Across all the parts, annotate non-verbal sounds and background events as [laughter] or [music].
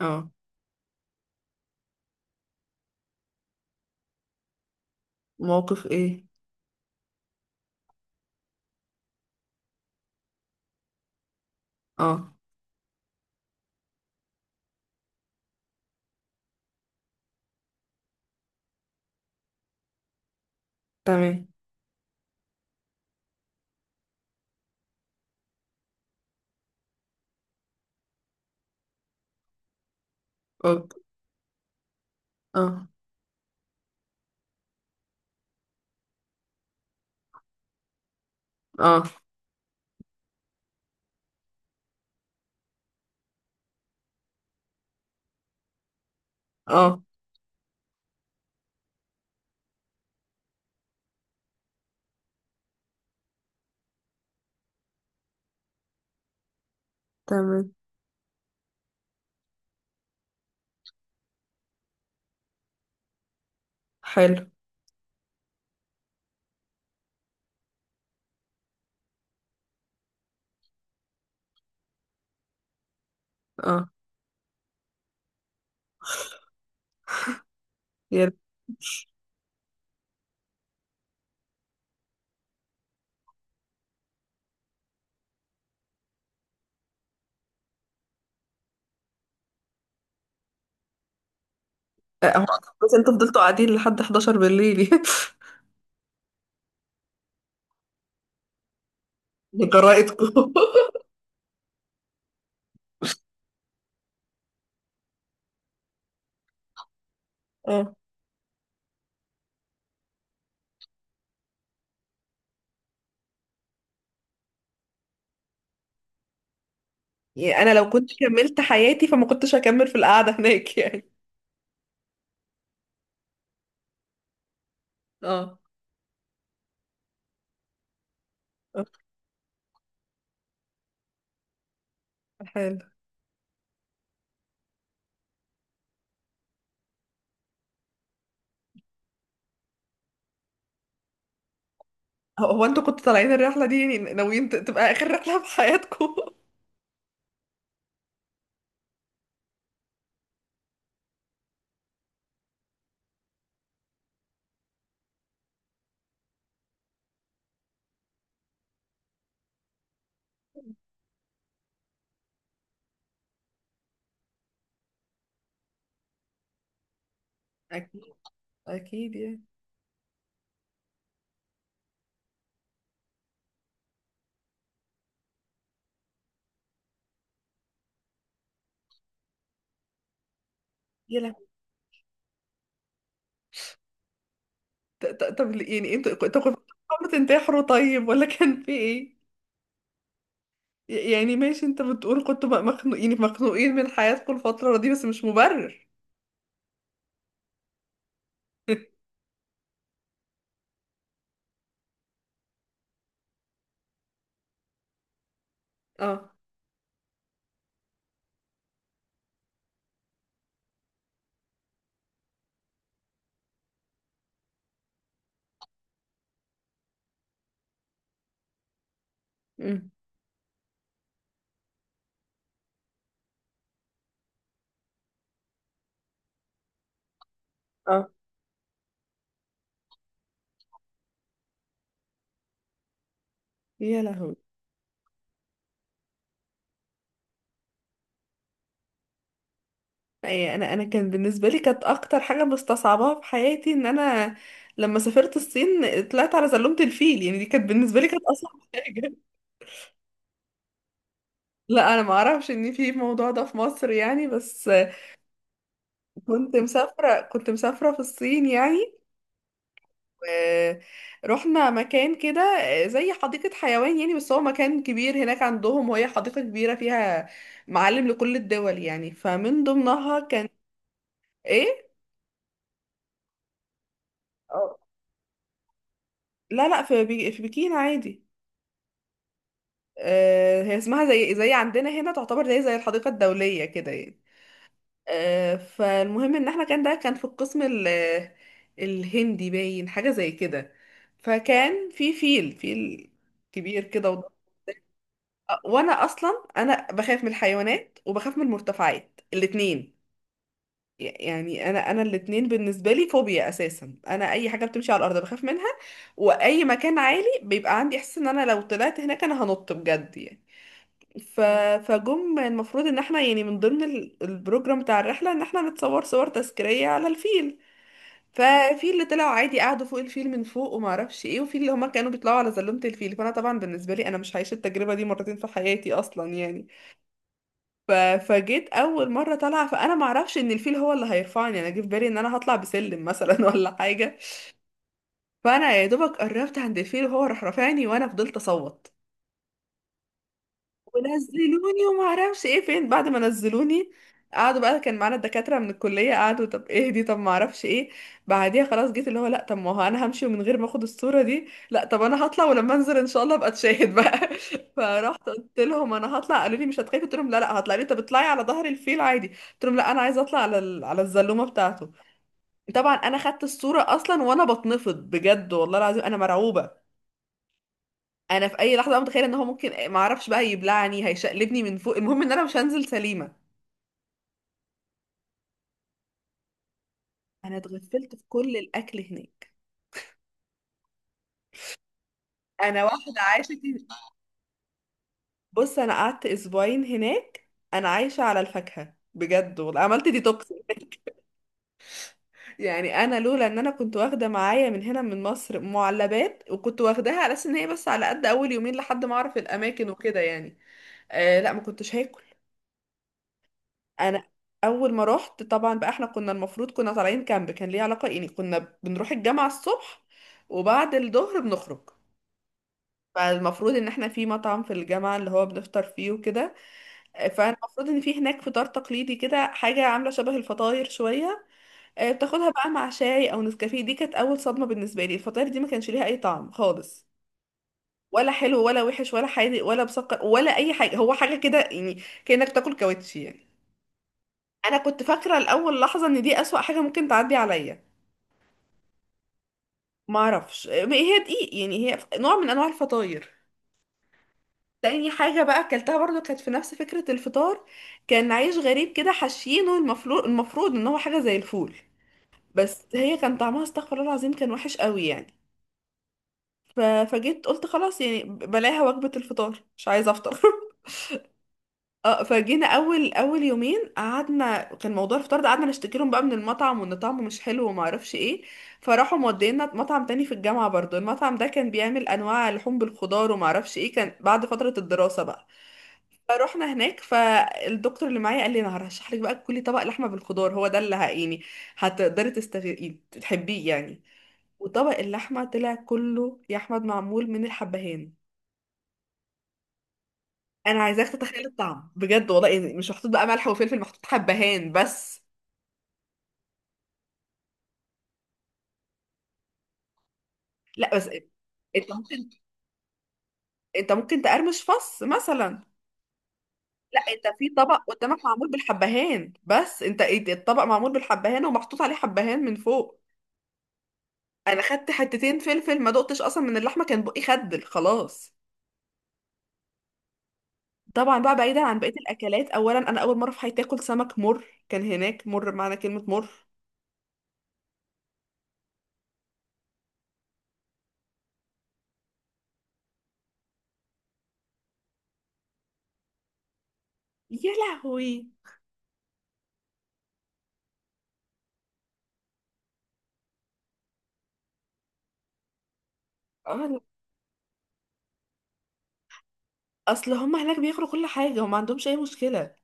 اه. موقف ايه؟ اه. تمام. اوكي. اه. اه. اه. تمام. حلو. اه. يلا. آه، هو بس انتوا فضلتوا قاعدين لحد 11 بالليل؟ [laughs] لجرائدكم. اه، يعني انا لو كنت كملت حياتي فما كنتش هكمل في القعده هناك يعني. اه. آه، حلو. هو انتوا كنتوا طالعين الرحله دي يعني ناويين تبقى اخر رحله في حياتكم؟ [laughs] اكيد. اكيد يعني. يلا. طب يعني انتوا كنتوا بتحاولوا تنتحروا طيب؟ ولا كان في ايه؟ يعني ماشي، انت بتقول كنتوا بقى مخنوق يعني مخنوقين من حياتكم الفترة دي، بس مش مبرر. [laughs] اه. امم. اه. يا لهوي. أي، انا كان بالنسبه لي كانت اكتر حاجه مستصعباها في حياتي ان انا لما سافرت الصين طلعت على زلومه الفيل. يعني دي كانت بالنسبه لي كانت اصعب [laughs] حاجه. لا، انا ما اعرفش ان في الموضوع ده في مصر يعني، بس كنت مسافره، كنت مسافره في الصين يعني. ورحنا مكان كده زي حديقة حيوان يعني، بس هو مكان كبير هناك عندهم، وهي حديقة كبيرة فيها معالم لكل الدول يعني، فمن ضمنها كان. ايه. آه. لا لا، في بكين عادي. آه، هي اسمها زي عندنا هنا، تعتبر زي الحديقة الدولية كده يعني. آه، فالمهم ان احنا كان ده كان في القسم الهندي باين حاجة زي كده. فكان في فيل كبير كده. وانا اصلا انا بخاف من الحيوانات وبخاف من المرتفعات الاتنين، يعني انا الاتنين بالنسبه لي فوبيا اساسا. انا اي حاجه بتمشي على الارض بخاف منها، واي مكان عالي بيبقى عندي احساس ان انا لو طلعت هناك انا هنط بجد يعني. ف... فجم المفروض ان احنا يعني من ضمن البروجرام بتاع الرحله ان احنا نتصور صور تذكاريه على الفيل. ففي اللي طلعوا عادي قعدوا فوق الفيل من فوق وما اعرفش ايه، وفي اللي هما كانوا بيطلعوا على زلومه الفيل. فانا طبعا بالنسبه لي انا مش هعيش التجربه دي مرتين في حياتي اصلا يعني. ف... فجيت اول مره طالعه، فانا ما اعرفش ان الفيل هو اللي هيرفعني. انا جه في بالي ان انا هطلع بسلم مثلا [laughs] ولا حاجه. فانا يا دوبك قربت عند الفيل وهو راح رافعني، وانا فضلت اصوت ونزلوني وما اعرفش ايه فين بعد ما نزلوني. قعدوا بقى، كان معانا الدكاترة من الكلية، قعدوا طب ايه دي طب ما اعرفش ايه. بعديها خلاص جيت اللي هو لا، طب ما هو انا همشي ومن غير ما اخد الصورة دي؟ لا طب انا هطلع، ولما انزل ان شاء الله ابقى اتشاهد بقى. [laughs] فرحت قلت لهم انا هطلع. قالوا لي مش هتخافي؟ قلت لهم لا لا، هطلع. لي طب اطلعي على ظهر الفيل عادي. قلت لهم لا، انا عايزه اطلع على على الزلومة بتاعته. طبعا انا خدت الصورة اصلا وانا بتنفض بجد والله العظيم، انا مرعوبة. انا في اي لحظه بقى متخيله ان هو ممكن ما اعرفش بقى يبلعني، هيشقلبني من فوق. المهم ان انا مش هنزل سليمه. انا اتغفلت في كل الاكل هناك. انا واحده عايشه كده. بص، انا قعدت اسبوعين هناك. انا عايشه على الفاكهه بجد والله، عملت ديتوكس هناك. [laughs] يعني انا لولا ان انا كنت واخده معايا من هنا من مصر معلبات، وكنت واخداها على اساس ان هي بس على قد اول يومين لحد ما اعرف الاماكن وكده يعني، آه لا ما كنتش هاكل. انا اول ما رحت طبعا بقى، احنا كنا المفروض كنا طالعين كامب، كان ليه علاقة يعني، كنا بنروح الجامعة الصبح وبعد الظهر بنخرج. فالمفروض ان احنا في مطعم في الجامعة اللي هو بنفطر فيه وكده. فالمفروض ان في هناك فطار تقليدي كده، حاجة عاملة شبه الفطاير شوية. آه، بتاخدها بقى مع شاي او نسكافيه. دي كانت اول صدمة بالنسبة لي، الفطاير دي ما كانش ليها اي طعم خالص، ولا حلو ولا وحش ولا حادق ولا مسكر ولا اي حاجة. هو حاجة كده يعني كأنك تاكل كاوتشي يعني. انا كنت فاكره الاول لحظه ان دي اسوأ حاجه ممكن تعدي عليا. ما اعرفش، ما هي دقيق يعني، هي نوع من انواع الفطاير. تاني حاجه بقى اكلتها برضو كانت في نفس فكره الفطار. كان عيش غريب كده حشينه، المفروض ان هو حاجه زي الفول، بس هي كان طعمها استغفر الله العظيم، كان وحش قوي يعني. فجيت قلت خلاص يعني بلاها وجبه الفطار، مش عايزه افطر. [laughs] اه. فجينا اول اول يومين قعدنا كان موضوع الفطار ده، قعدنا نشتكي لهم بقى من المطعم وان طعمه مش حلو وما اعرفش ايه. فراحوا مودينا مطعم تاني في الجامعه برضو. المطعم ده كان بيعمل انواع لحوم بالخضار وما اعرفش ايه، كان بعد فتره الدراسه بقى. فروحنا هناك، فالدكتور اللي معايا قال لي انا هرشح لك بقى، كلي طبق لحمه بالخضار، هو ده اللي يعني هتقدري تحبيه يعني. وطبق اللحمه طلع كله يا احمد معمول من الحبهان. انا عايزاك تتخيل الطعم بجد والله، يعني مش محطوط بقى ملح وفلفل، محطوط حبهان بس. لا بس انت ممكن انت ممكن تقرمش فص مثلا. لا، انت في طبق قدامك معمول بالحبهان بس، انت إيه ده؟ الطبق معمول بالحبهان ومحطوط عليه حبهان من فوق. انا خدت حتتين فلفل، ما دقتش اصلا من اللحمه، كان بقي خدل خلاص. طبعا بقى بعيدا عن بقيه الاكلات، اولا انا اول مره في حياتي اكل سمك مر، كان هناك مر بمعنى كلمه مر. يا لهوي. آه، اصل هم هناك بياكلوا كل حاجه وما عندهمش اي مشكله.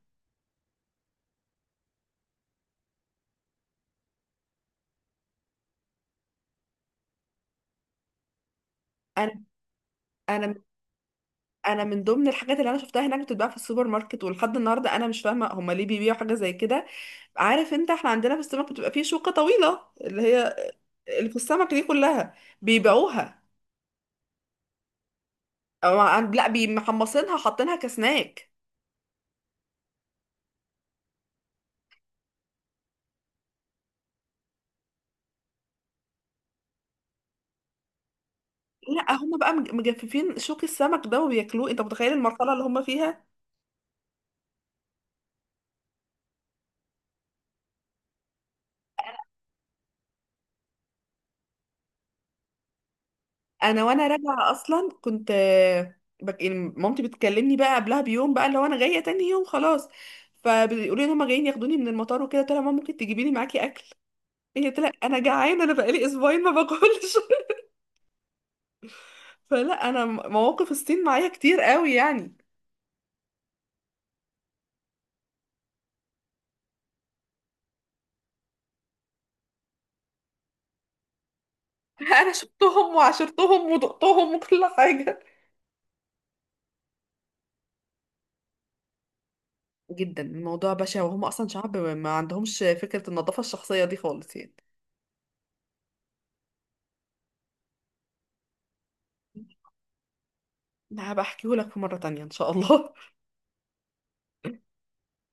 انا انا من- انا من ضمن الحاجات اللي انا شفتها هناك بتتباع في السوبر ماركت، ولحد النهارده انا مش فاهمه هما ليه بيبيعوا حاجه زي كده. عارف انت احنا عندنا في السمك بتبقى فيه شوكه طويله اللي هي اللي في السمك دي كلها بيبيعوها. أو لا، بيمحمصينها حاطينها كسناك. لا هما بقى مجففين شوك السمك ده وبياكلوه. انت متخيل المرحله اللي هما فيها؟ انا وانا راجعه اصلا كنت آه، يعني مامتي بتكلمني بقى قبلها بيوم بقى لو انا جايه تاني يوم خلاص. فبيقولوا لي ان هم جايين ياخدوني من المطار وكده، قلت لها ماما ممكن تجيبي لي معاكي اكل؟ هي قلت لها انا جعانه، انا بقالي اسبوعين ما باكلش. [laughs] فلا انا مواقف الصين معايا كتير قوي يعني. [laughs] انا شفتهم وعاشرتهم ودقتهم وكل حاجه. جدا الموضوع بشع، وهم اصلا شعب ما عندهمش فكره النظافه الشخصيه دي خالص يعني. لا بحكيهولك في مره تانية ان شاء الله. [laughs]